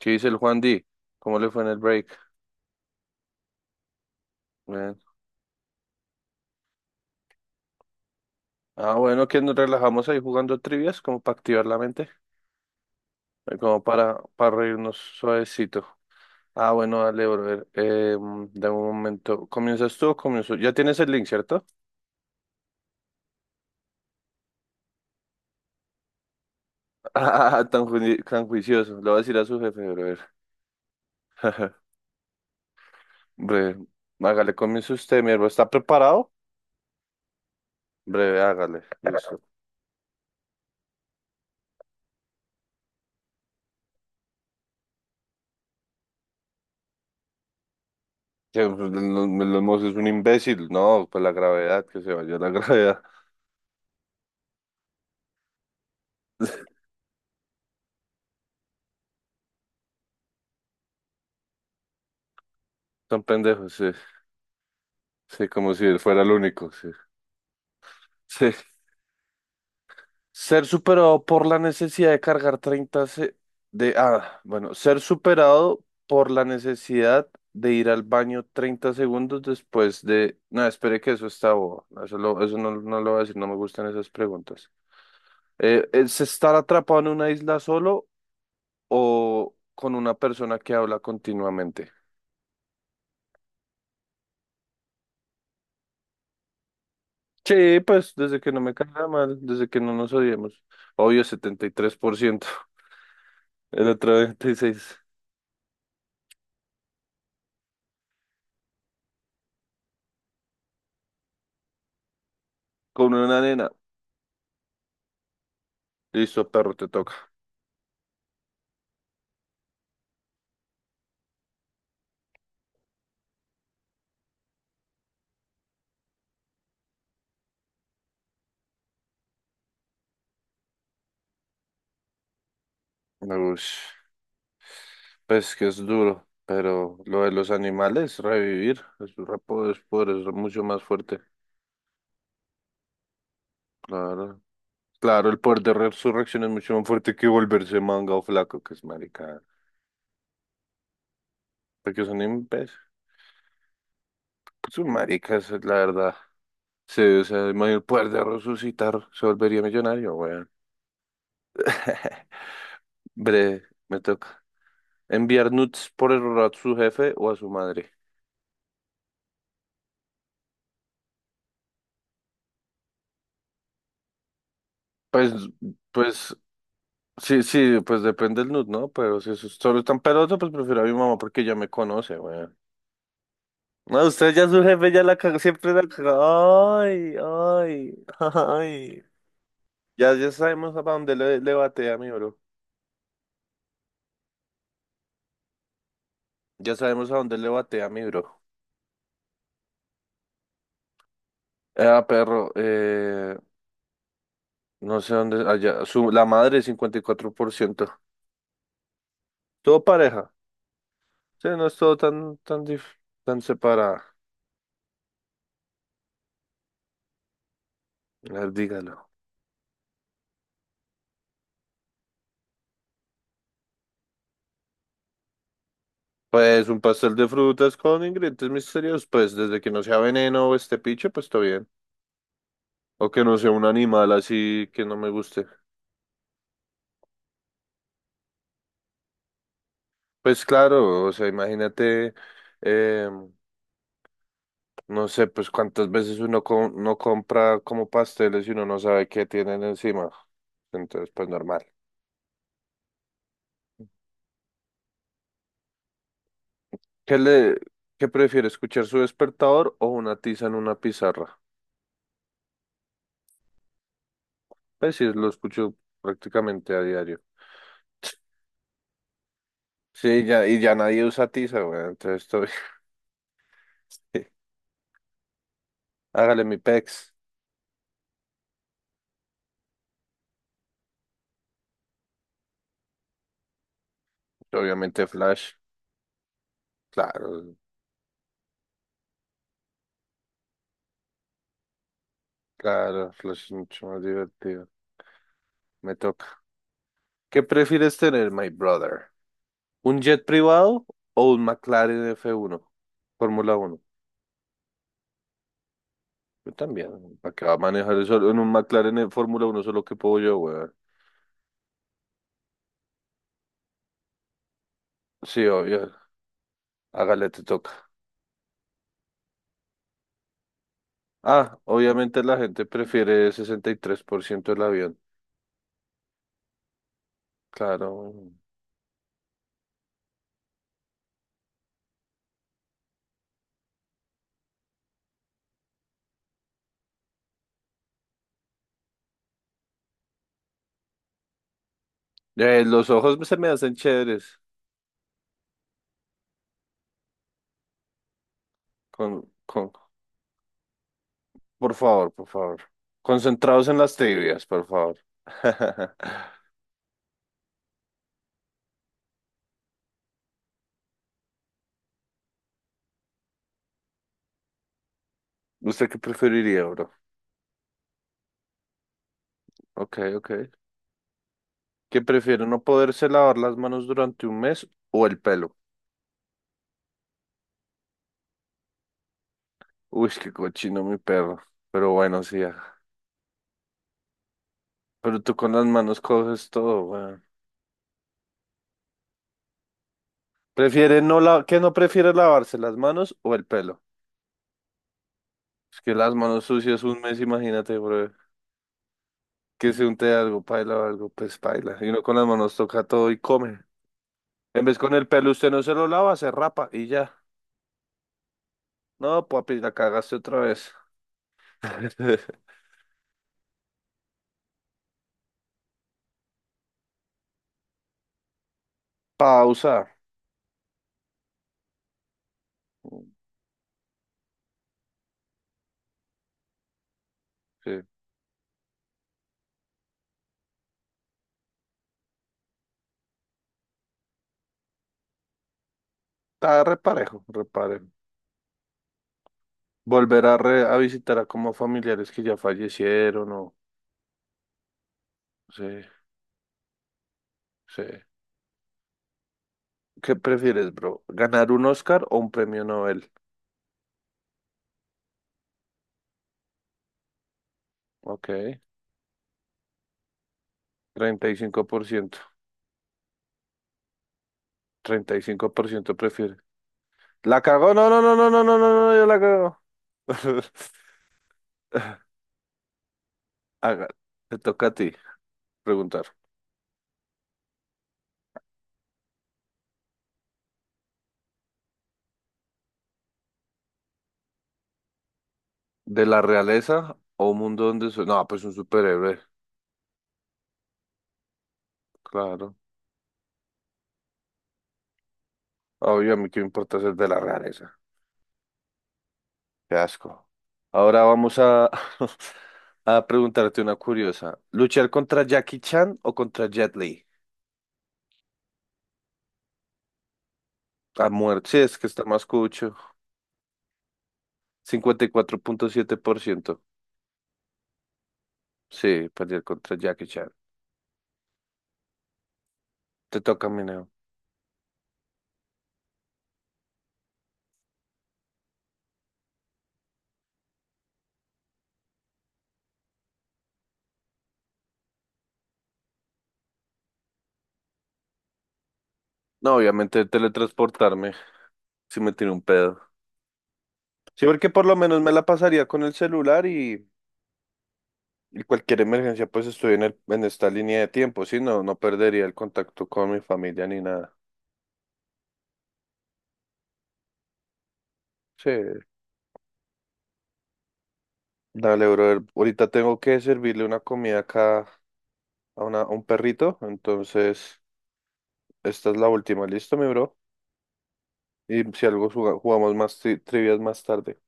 ¿Qué dice el Juan D? ¿Cómo le fue en el break? Bien. Ah, bueno, que nos relajamos ahí jugando trivias como para activar la mente, como para reírnos suavecito. Ah, bueno, dale, brother. Dame un momento. ¿Comienzas tú o comienzo? Ya tienes el link, ¿cierto? Ah, tan, tan juicioso. Le voy a decir a su jefe, brother. Breve. Hágale, comienza usted, mierda. ¿Está preparado? Breve, hágale. Listo. Que, pues, es un imbécil. No, pues la gravedad, que se vaya la gravedad. Son pendejos, sí. Sí, como si él fuera el único, sí. Sí. Ser superado por la necesidad de cargar 30 se- de ah, bueno, ser superado por la necesidad de ir al baño 30 segundos después de no, espere que eso está bobo. No, eso, eso no, no lo voy a decir, no me gustan esas preguntas. ¿Es estar atrapado en una isla solo o con una persona que habla continuamente? Sí, pues desde que no me caiga mal, desde que no nos odiemos. Obvio, 73% el otro 26. Con una nena. Listo, perro, te toca. Ush, pues que es duro, pero lo de los animales, revivir, es poder, es mucho más fuerte. Claro. Claro, el poder de resurrección es mucho más fuerte que volverse manga o flaco, que es marica. Porque son imbéciles. Son maricas, la verdad. Sí, o sea, el mayor poder de resucitar se volvería millonario, weón. Bre, me toca. Enviar nudes por error a su jefe o a su madre. Pues, pues, sí, sí, pues depende del nud, ¿no? Pero si es solo tan peloso, pues prefiero a mi mamá porque ya me conoce, weón. No, usted ya su jefe ya la cagó, siempre la cagó. Ay, ay, ay. Ya sabemos a pa' dónde le batea mi bro. Ya sabemos a dónde le batea mi bro. Ah, perro, no sé dónde, allá, su, la madre 54%. Todo pareja. Sí, no es todo tan separada. A ver, dígalo. Pues un pastel de frutas con ingredientes misteriosos, pues desde que no sea veneno o este picho, pues todo bien. O que no sea un animal así que no me guste. Pues claro, o sea, imagínate, eh, no sé, pues cuántas veces uno no compra como pasteles y uno no sabe qué tienen encima. Entonces, pues normal. ¿Qué le, qué prefiere, escuchar su despertador o una tiza en una pizarra? Pues sí, lo escucho prácticamente a diario. Sí, ya, y ya nadie usa tiza, güey, entonces estoy. Hágale mi pex. Obviamente Flash. Claro, claro, Flash es mucho más divertido. Me toca. ¿Qué prefieres tener, my brother? ¿Un jet privado o un McLaren F1, Fórmula 1? Yo también. ¿Para qué va a manejar eso en un McLaren en Fórmula 1? ¿Solo que puedo yo, weón? Sí, obvio. Hágale, te toca. Ah, obviamente la gente prefiere 63% el avión. Claro. Los ojos se me hacen chéveres con, con, por favor, por favor. Concentrados en las trivias, por favor. ¿Usted qué preferiría, bro? Ok, ok. ¿Qué prefiere, no poderse lavar las manos durante un mes o el pelo? Uy, qué cochino mi perro. Pero bueno, sí. Ah. Pero tú con las manos coges todo, weón. ¿Prefiere no la... ¿Qué no prefiere lavarse, las manos o el pelo? Es que las manos sucias un mes, imagínate, bro. Que se unte algo, paila o algo, pues paila. Y uno con las manos toca todo y come. En vez con el pelo usted no se lo lava, se rapa y ya. No, papi, la cagaste otra vez. Pausa. Sí. Está reparejo, reparejo. Volver a, a visitar a como familiares que ya fallecieron o. Sí, sí. ¿Qué prefieres, bro? ¿Ganar un Oscar o un premio Nobel? Ok, 35%, 35% prefiere. ¿La cagó? No, no, no, no, no, no, no, no, yo la cago. Haga, te toca a ti preguntar. ¿De la realeza o un mundo donde soy? No, pues un superhéroe, claro. Obvio, a mí qué me importa ser de la realeza. Qué asco. Ahora vamos a, a preguntarte una curiosa. ¿Luchar contra Jackie Chan o contra Jet Li? A muerte. Sí, es que está más cucho. 54,7%. Sí, pelear contra Jackie Chan. Te toca, mi neo. No, obviamente teletransportarme si me tiene un pedo. Sí, porque por lo menos me la pasaría con el celular y cualquier emergencia, pues estoy en esta línea de tiempo, sí, no, no perdería el contacto con mi familia ni nada. Sí, dale, brother. Ahorita tengo que servirle una comida acá a un perrito, entonces esta es la última, listo, mi bro. Y si algo jugamos más trivias más tarde.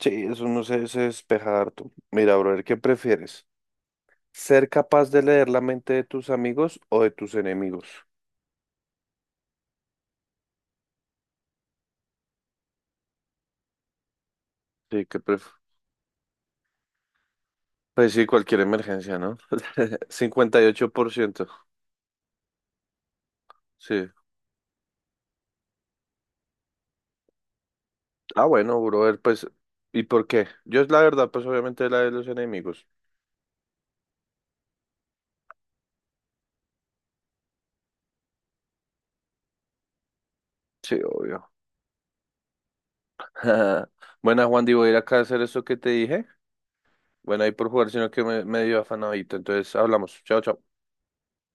Sí, eso no se despeja harto. Mira, brother, ¿qué prefieres? ¿Ser capaz de leer la mente de tus amigos o de tus enemigos? Sí, que pues sí, cualquier emergencia, ¿no? 58%. Sí. Ah, bueno, brother, pues, ¿y por qué? Yo la verdad, pues obviamente la de los enemigos. Sí, obvio. Buena, Juan, Di, voy a ir acá a hacer eso que te dije. Bueno, ahí por jugar, sino que me dio afanadito. Entonces, hablamos. Chao, chao.